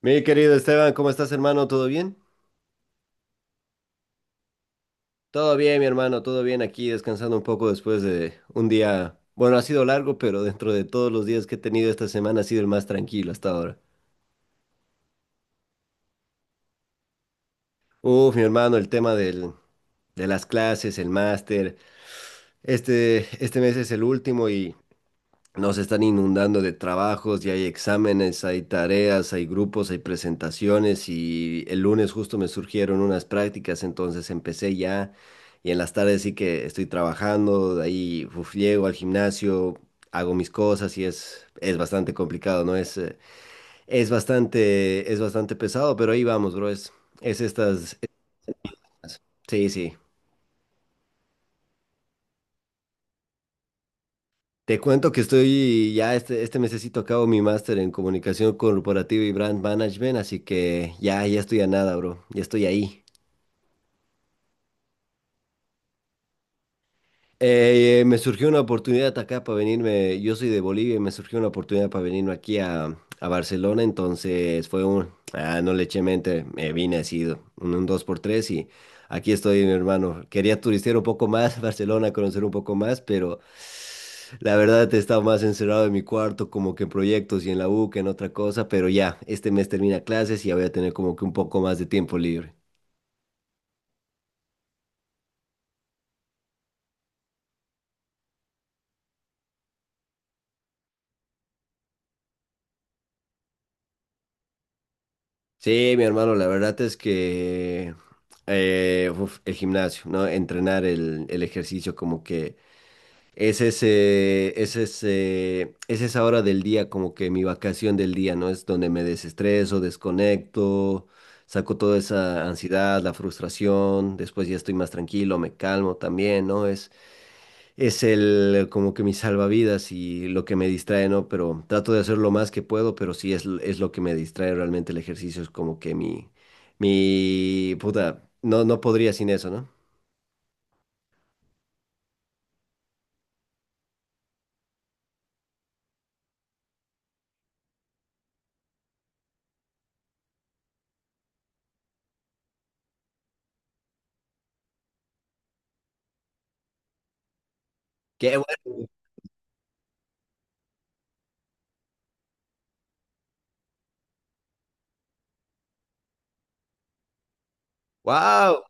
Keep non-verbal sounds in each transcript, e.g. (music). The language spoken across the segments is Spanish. Mi querido Esteban, ¿cómo estás, hermano? ¿Todo bien? Todo bien, mi hermano, todo bien aquí, descansando un poco después de un día, bueno, ha sido largo, pero dentro de todos los días que he tenido esta semana ha sido el más tranquilo hasta ahora. Uf, mi hermano, el tema de las clases, el máster, este mes es el último y nos están inundando de trabajos y hay exámenes, hay tareas, hay grupos, hay presentaciones y el lunes justo me surgieron unas prácticas, entonces empecé ya y en las tardes sí que estoy trabajando, de ahí uf, llego al gimnasio, hago mis cosas y es bastante complicado, ¿no? Es bastante pesado, pero ahí vamos, bro, es estas... estas- Sí, sí. Te cuento que estoy ya este mesecito acabo mi máster en comunicación corporativa y brand management, así que ya estoy a nada, bro. Ya estoy ahí. Me surgió una oportunidad acá para venirme, yo soy de Bolivia y me surgió una oportunidad para venirme aquí a Barcelona, entonces fue no le eché mente, me vine así, un dos por tres y aquí estoy, mi hermano. Quería turistear un poco más, (laughs) Barcelona, conocer un poco más, pero la verdad he estado más encerrado en mi cuarto, como que en proyectos y en la U que en otra cosa, pero ya, este mes termina clases y ya voy a tener como que un poco más de tiempo libre. Sí, mi hermano, la verdad es que el gimnasio, ¿no? Entrenar el ejercicio como que es esa hora del día, como que mi vacación del día, ¿no? Es donde me desestreso, desconecto, saco toda esa ansiedad, la frustración, después ya estoy más tranquilo, me calmo también, ¿no? Es el, como que mi salvavidas y lo que me distrae, ¿no? Pero trato de hacer lo más que puedo, pero sí es lo que me distrae realmente el ejercicio, es como que mi, puta, no, no podría sin eso, ¿no? ¡Qué bueno! ¡Wow!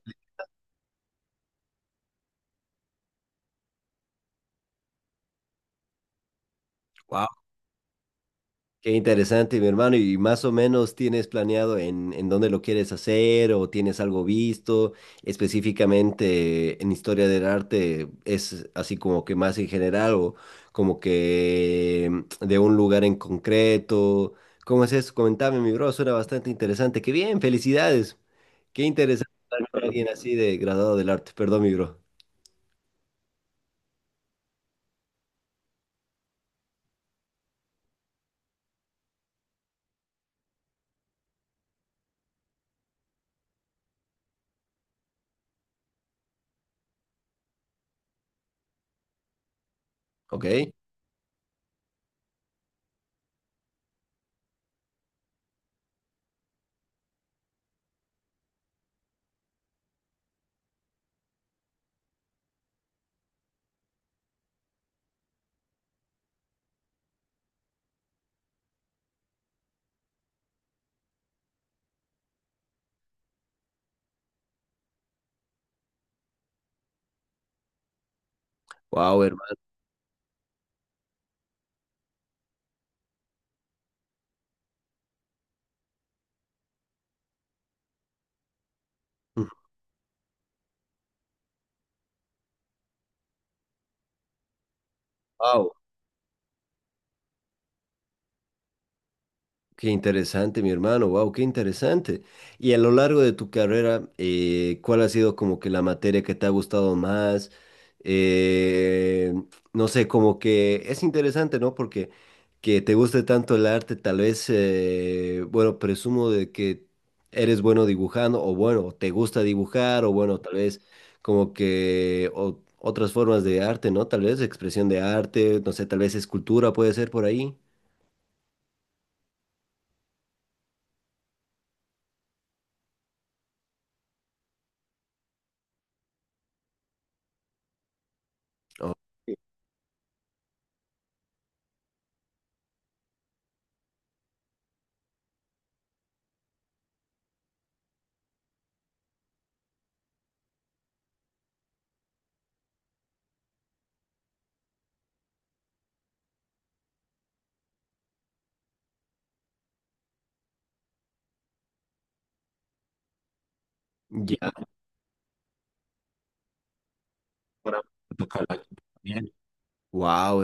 Qué interesante, mi hermano. ¿Y más o menos tienes planeado en dónde lo quieres hacer o tienes algo visto específicamente en historia del arte? ¿Es así como que más en general o como que de un lugar en concreto? ¿Cómo es eso? Comentame, mi bro. Suena bastante interesante. Qué bien, felicidades. Qué interesante hablar con alguien así de graduado del arte. Perdón, mi bro. Ok. Wow, hermano. Wow. Qué interesante, mi hermano, wow, qué interesante. Y a lo largo de tu carrera, ¿cuál ha sido como que la materia que te ha gustado más? Eh, no sé, como que es interesante, ¿no? Porque que te guste tanto el arte, tal vez, bueno, presumo de que eres bueno dibujando, o bueno, te gusta dibujar, o bueno, tal vez como que otras formas de arte, ¿no? Tal vez expresión de arte, no sé, tal vez escultura puede ser por ahí. o- ya. Para tocarla bien. Wow.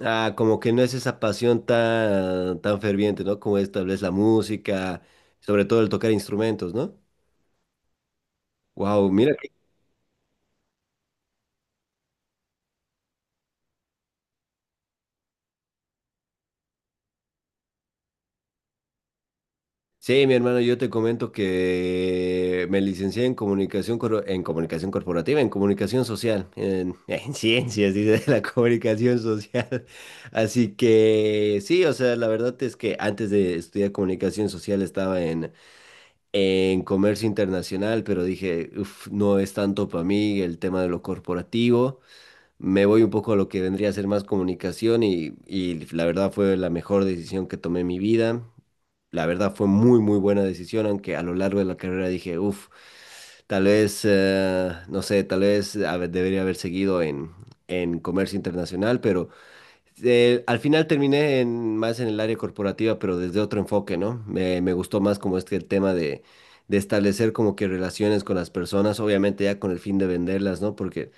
Ah, como que no es esa pasión tan, tan ferviente, ¿no? Como es tal vez la música, sobre todo el tocar instrumentos, ¿no? Wow, mira. Sí, mi hermano, yo te comento que me licencié en comunicación, en comunicación corporativa, en comunicación social, en, (laughs) en ciencias, dice, (laughs) de la comunicación social. Así que sí, o sea, la verdad es que antes de estudiar comunicación social estaba en comercio internacional, pero dije, "Uf, no es tanto para mí el tema de lo corporativo. Me voy un poco a lo que vendría a ser más comunicación y la verdad fue la mejor decisión que tomé en mi vida. La verdad fue muy, muy buena decisión, aunque a lo largo de la carrera dije, uff, tal vez, no sé, tal vez a ver, debería haber seguido en comercio internacional, pero al final terminé más en el área corporativa, pero desde otro enfoque, ¿no? Me gustó más como este el tema de establecer como que relaciones con las personas, obviamente ya con el fin de venderlas, ¿no? Porque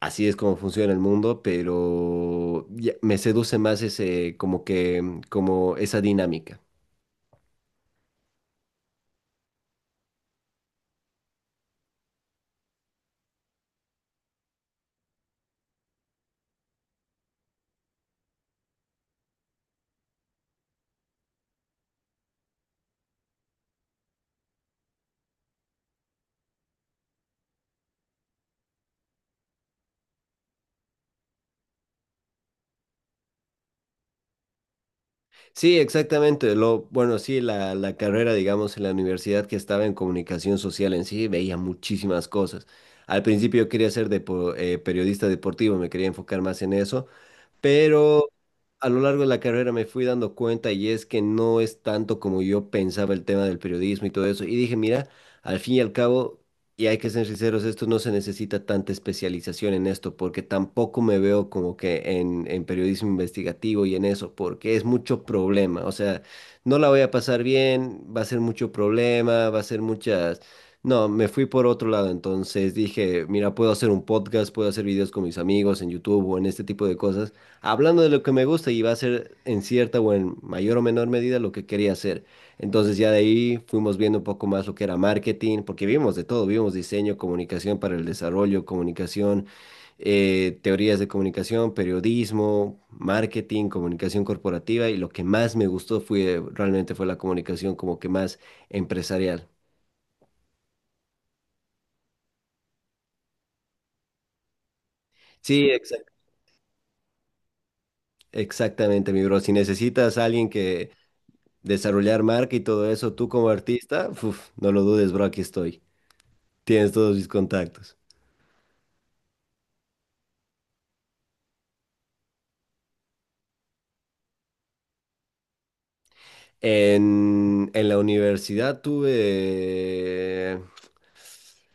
así es como funciona el mundo, pero me seduce más ese, como que, como esa dinámica. Sí, exactamente. Bueno, sí, la carrera, digamos, en la universidad que estaba en comunicación social en sí, veía muchísimas cosas. Al principio yo quería ser periodista deportivo, me quería enfocar más en eso, pero a lo largo de la carrera me fui dando cuenta y es que no es tanto como yo pensaba el tema del periodismo y todo eso. Y dije, mira, al fin y al cabo, y hay que ser sinceros, esto no se necesita tanta especialización en esto, porque tampoco me veo como que en periodismo investigativo y en eso, porque es mucho problema. O sea, no la voy a pasar bien, va a ser mucho problema, va a ser muchas... No, me fui por otro lado, entonces dije, mira, puedo hacer un podcast, puedo hacer videos con mis amigos en YouTube o en este tipo de cosas hablando de lo que me gusta y va a ser en cierta o en mayor o menor medida lo que quería hacer. Entonces ya de ahí fuimos viendo un poco más lo que era marketing, porque vimos de todo, vimos diseño, comunicación para el desarrollo, comunicación, teorías de comunicación, periodismo, marketing, comunicación corporativa y lo que más me gustó fue realmente fue la comunicación como que más empresarial. Sí, exactamente, mi bro. Si necesitas a alguien que desarrollar marca y todo eso, tú como artista, uf, no lo dudes, bro, aquí estoy. Tienes todos mis contactos. En la universidad tuve...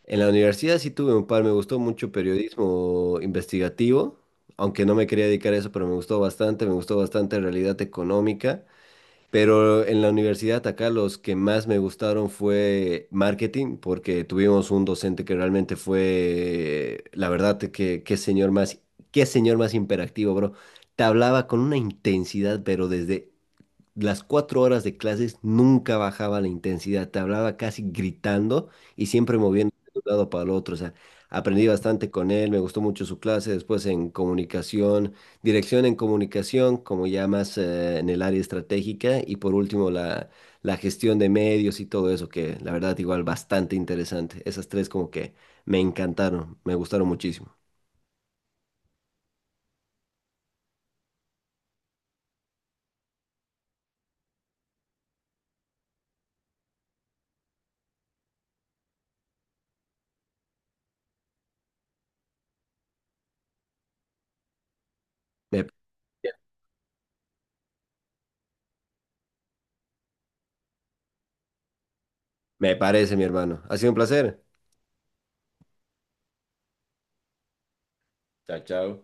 En la universidad sí tuve un par, me gustó mucho periodismo investigativo, aunque no me quería dedicar a eso, pero me gustó bastante realidad económica. Pero en la universidad acá los que más me gustaron fue marketing, porque tuvimos un docente que realmente fue, la verdad, que qué señor más imperactivo, bro. Te hablaba con una intensidad, pero desde las 4 horas de clases nunca bajaba la intensidad, te hablaba casi gritando y siempre moviendo de un lado para el otro. O sea, aprendí bastante con él, me gustó mucho su clase, después en comunicación, dirección en comunicación, como ya más en el área estratégica, y por último la gestión de medios y todo eso, que la verdad igual bastante interesante. Esas tres como que me encantaron, me gustaron muchísimo. Me, me parece, mi hermano. Ha sido un placer. Chao, chao.